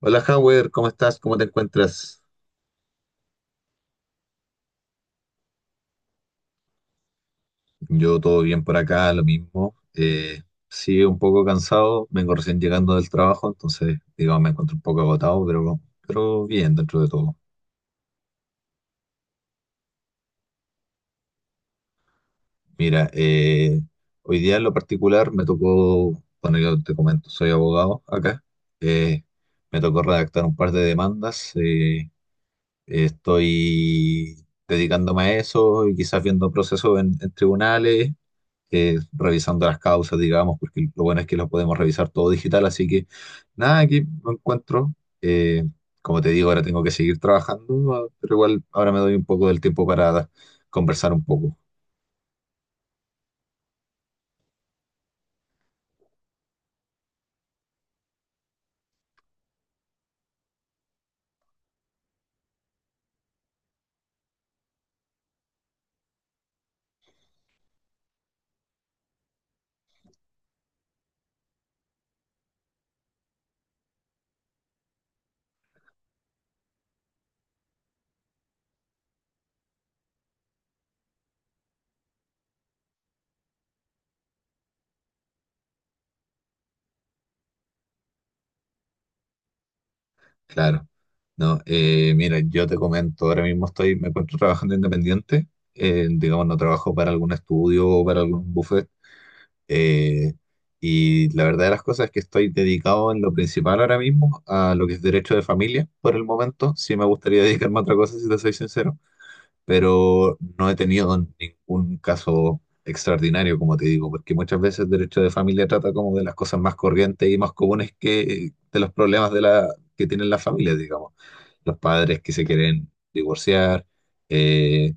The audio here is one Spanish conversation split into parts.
Hola, Howard, ¿cómo estás? ¿Cómo te encuentras? Yo todo bien por acá, lo mismo. Sí, un poco cansado, vengo recién llegando del trabajo, entonces, digamos, me encuentro un poco agotado, pero bien dentro de todo. Mira, hoy día en lo particular me tocó, bueno, yo te comento, soy abogado acá, eh, me tocó redactar un par de demandas, estoy dedicándome a eso y quizás viendo procesos en tribunales, revisando las causas, digamos, porque lo bueno es que lo podemos revisar todo digital, así que nada, aquí lo encuentro. Eh, Como te digo, ahora tengo que seguir trabajando, ah, pero igual ahora me doy un poco del tiempo para conversar un poco, claro. No, mira, yo te comento, ahora mismo estoy, me encuentro trabajando independiente, digamos, no trabajo para algún estudio o para algún bufete. Eh, y la verdad de las cosas es que estoy dedicado en lo principal ahora mismo a lo que es derecho de familia por el momento. Sí me gustaría dedicarme a otra cosa, si te soy sincero, pero no he tenido ningún caso extraordinario, como te digo, porque muchas veces el derecho de familia trata como de las cosas más corrientes y más comunes que de los problemas de la, que tienen las familias, digamos, los padres que se quieren divorciar, eh,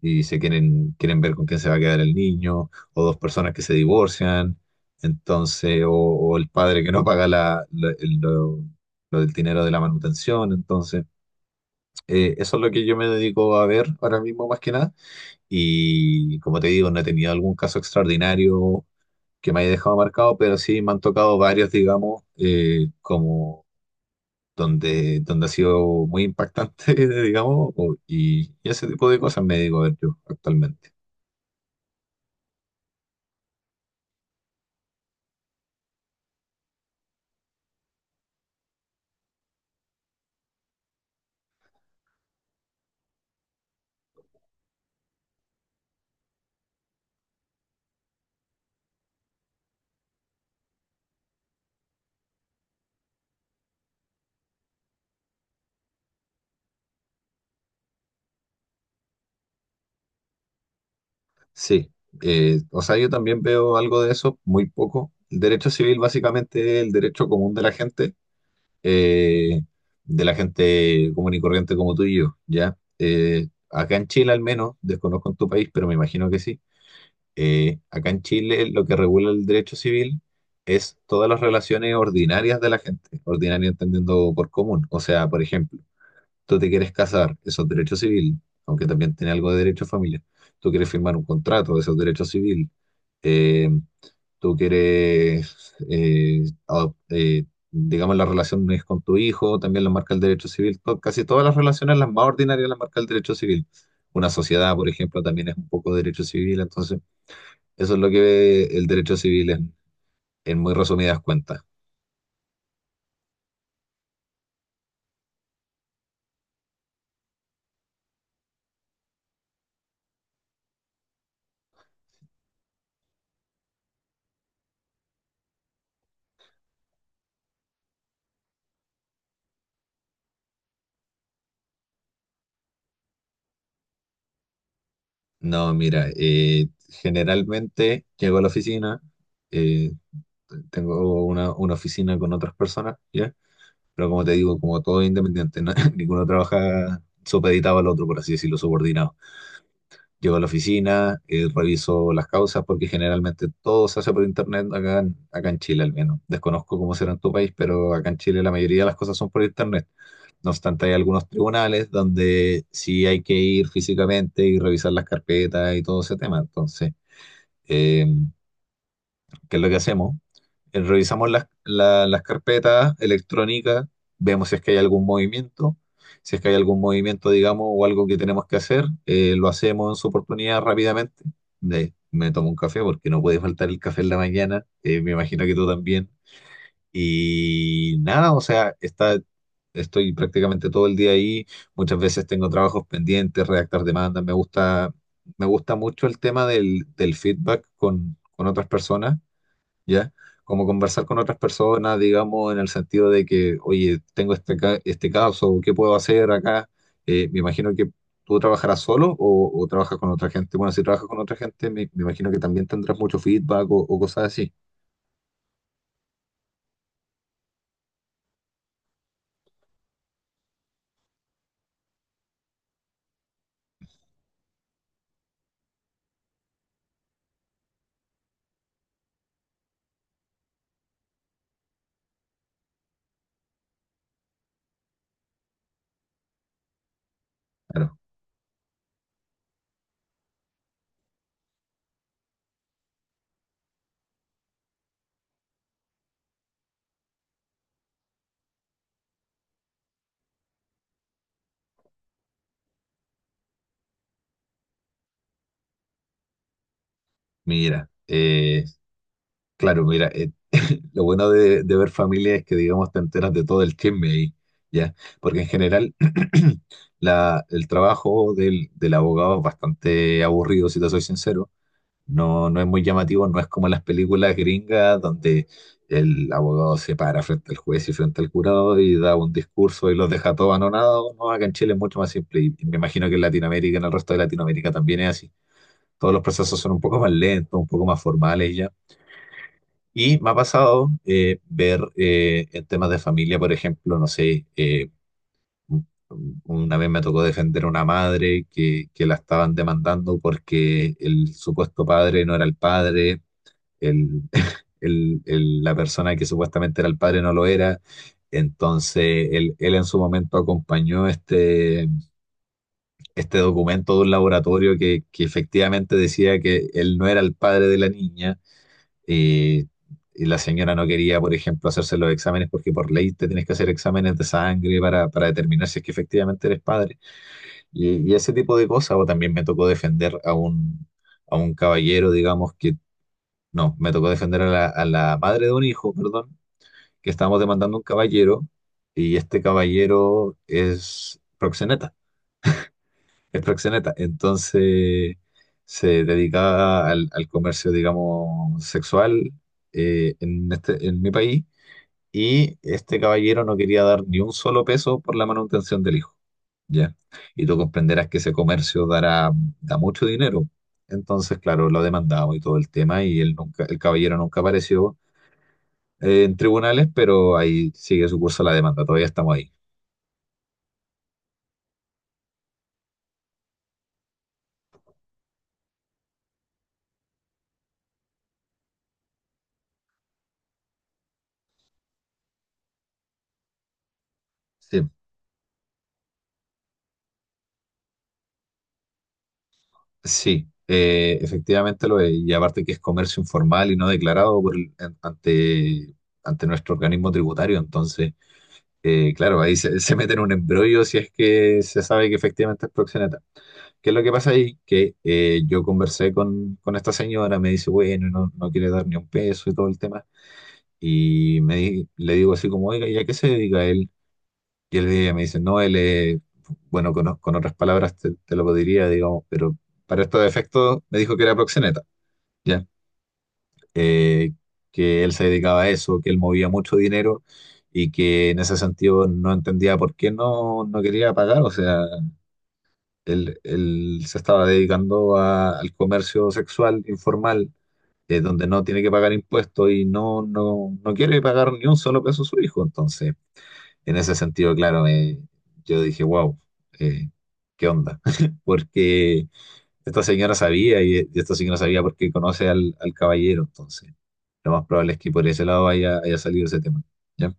y se quieren, quieren ver con quién se va a quedar el niño, o dos personas que se divorcian, entonces, o el padre que no paga lo del dinero de la manutención, entonces, eso es lo que yo me dedico a ver ahora mismo más que nada, y como te digo, no he tenido algún caso extraordinario que me haya dejado marcado, pero sí me han tocado varios, digamos, como donde, donde ha sido muy impactante, digamos, y ese tipo de cosas me digo a ver yo actualmente. Sí, o sea, yo también veo algo de eso, muy poco. El derecho civil básicamente es el derecho común eh, de la gente común y corriente como tú y yo, ¿ya? Acá en Chile al menos, desconozco en tu país, pero me imagino que sí. Acá en Chile lo que regula el derecho civil es todas las relaciones ordinarias de la gente, ordinaria entendiendo por común. O sea, por ejemplo, tú te quieres casar, eso es derecho civil, aunque también tiene algo de derecho de familia. Tú quieres firmar un contrato, eso es derecho civil. Eh, Tú quieres, digamos, las relaciones con tu hijo, también las marca el derecho civil. Casi todas las relaciones, las más ordinarias, las marca el derecho civil. Una sociedad, por ejemplo, también es un poco derecho civil, entonces... Eso es lo que ve el derecho civil en muy resumidas cuentas. No, mira, generalmente llego a la oficina, eh, tengo una oficina con otras personas, ¿ya? Pero como te digo, como todo es independiente, ninguno trabaja supeditado al otro, por así decirlo, subordinado. Llego a la oficina, reviso las causas, porque generalmente todo se hace por internet acá en, acá en Chile al menos. Desconozco cómo será en tu país, pero acá en Chile la mayoría de las cosas son por internet. No obstante, hay algunos tribunales donde sí hay que ir físicamente y revisar las carpetas y todo ese tema. Entonces, eh, que es lo que hacemos, revisamos las carpetas electrónicas, vemos si es que hay algún movimiento, si es que hay algún movimiento, digamos, o algo que tenemos que hacer, lo hacemos en su oportunidad rápidamente. Me tomo un café porque no puede faltar el café en la mañana, me imagino que tú también. Y nada, o sea, está, estoy prácticamente todo el día ahí, muchas veces tengo trabajos pendientes, redactar demandas, me gusta mucho el tema del, del feedback con otras personas, ¿ya? Como conversar con otras personas, digamos, en el sentido de que, oye, tengo este caso, ¿qué puedo hacer acá? Me imagino que tú trabajarás solo o trabajas con otra gente. Bueno, si trabajas con otra gente, me imagino que también tendrás mucho feedback o cosas así. Claro, mira, claro, mira, eh, lo bueno de ver familia es que, digamos, te enteras de todo el chisme ahí, ¿ya? Porque en general... el trabajo del, del abogado es bastante aburrido, si te soy sincero. No, no es muy llamativo, no es como las películas gringas donde el abogado se para frente al juez y frente al jurado y da un discurso y los deja todos anonados. No, acá en Chile es mucho más simple y me imagino que en Latinoamérica, en el resto de Latinoamérica también es así. Todos los procesos son un poco más lentos, un poco más formales y ya. Y me ha pasado, ver, en temas de familia, por ejemplo, no sé, una vez me tocó defender a una madre que la estaban demandando porque el supuesto padre no era el padre, el, la persona que supuestamente era el padre no lo era. Entonces, él en su momento acompañó este, este documento de un laboratorio que efectivamente decía que él no era el padre de la niña. eh, y la señora no quería, por ejemplo, hacerse los exámenes porque por ley te tienes que hacer exámenes de sangre para determinar si es que efectivamente eres padre. Y ese tipo de cosas. O también me tocó defender a un caballero, digamos, que no, me tocó defender a la madre de un hijo, perdón, que estábamos demandando un caballero, y este caballero es proxeneta, es proxeneta. Entonces se dedicaba al, al comercio, digamos, sexual, en este, en mi país, y este caballero no quería dar ni un solo peso por la manutención del hijo, ¿ya? Y tú comprenderás que ese comercio dará, da mucho dinero. Entonces, claro, lo demandamos y todo el tema y él nunca, el caballero nunca apareció, en tribunales, pero ahí sigue su curso la demanda, todavía estamos ahí. Sí, sí, efectivamente lo es. Y aparte que es comercio informal y no declarado por ante, ante nuestro organismo tributario. Entonces, claro, ahí se, se mete en un embrollo si es que se sabe que efectivamente es proxeneta. ¿Qué es lo que pasa ahí? Que yo conversé con esta señora, me dice, bueno, no, no quiere dar ni un peso y todo el tema. Y le digo así como, oiga, ¿y a qué se dedica él? Y él viene y me dice, no, él es, bueno, con otras palabras te, te lo diría, digamos, pero para estos efectos me dijo que era proxeneta, ¿ya? Eh, que él se dedicaba a eso, que él movía mucho dinero y que en ese sentido no entendía por qué no, no quería pagar, o sea, él se estaba dedicando al comercio sexual informal, donde no tiene que pagar impuestos y no, no, no quiere pagar ni un solo peso a su hijo, entonces en ese sentido, claro, yo dije, wow, eh, ¿qué onda? Porque esta señora sabía y esta señora sabía porque conoce al, al caballero, entonces lo más probable es que por ese lado haya, haya salido ese tema. ¿Ya?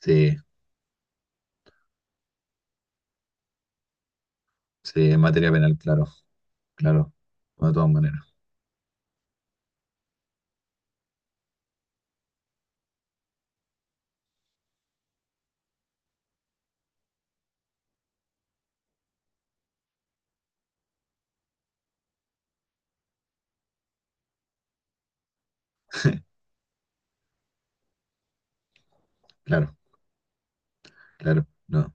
Sí, sí, en materia penal, claro, claro, no, de todas maneras, claro, claro, no,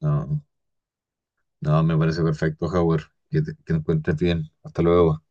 no, no, me parece perfecto, Howard, que te encuentres bien, hasta luego.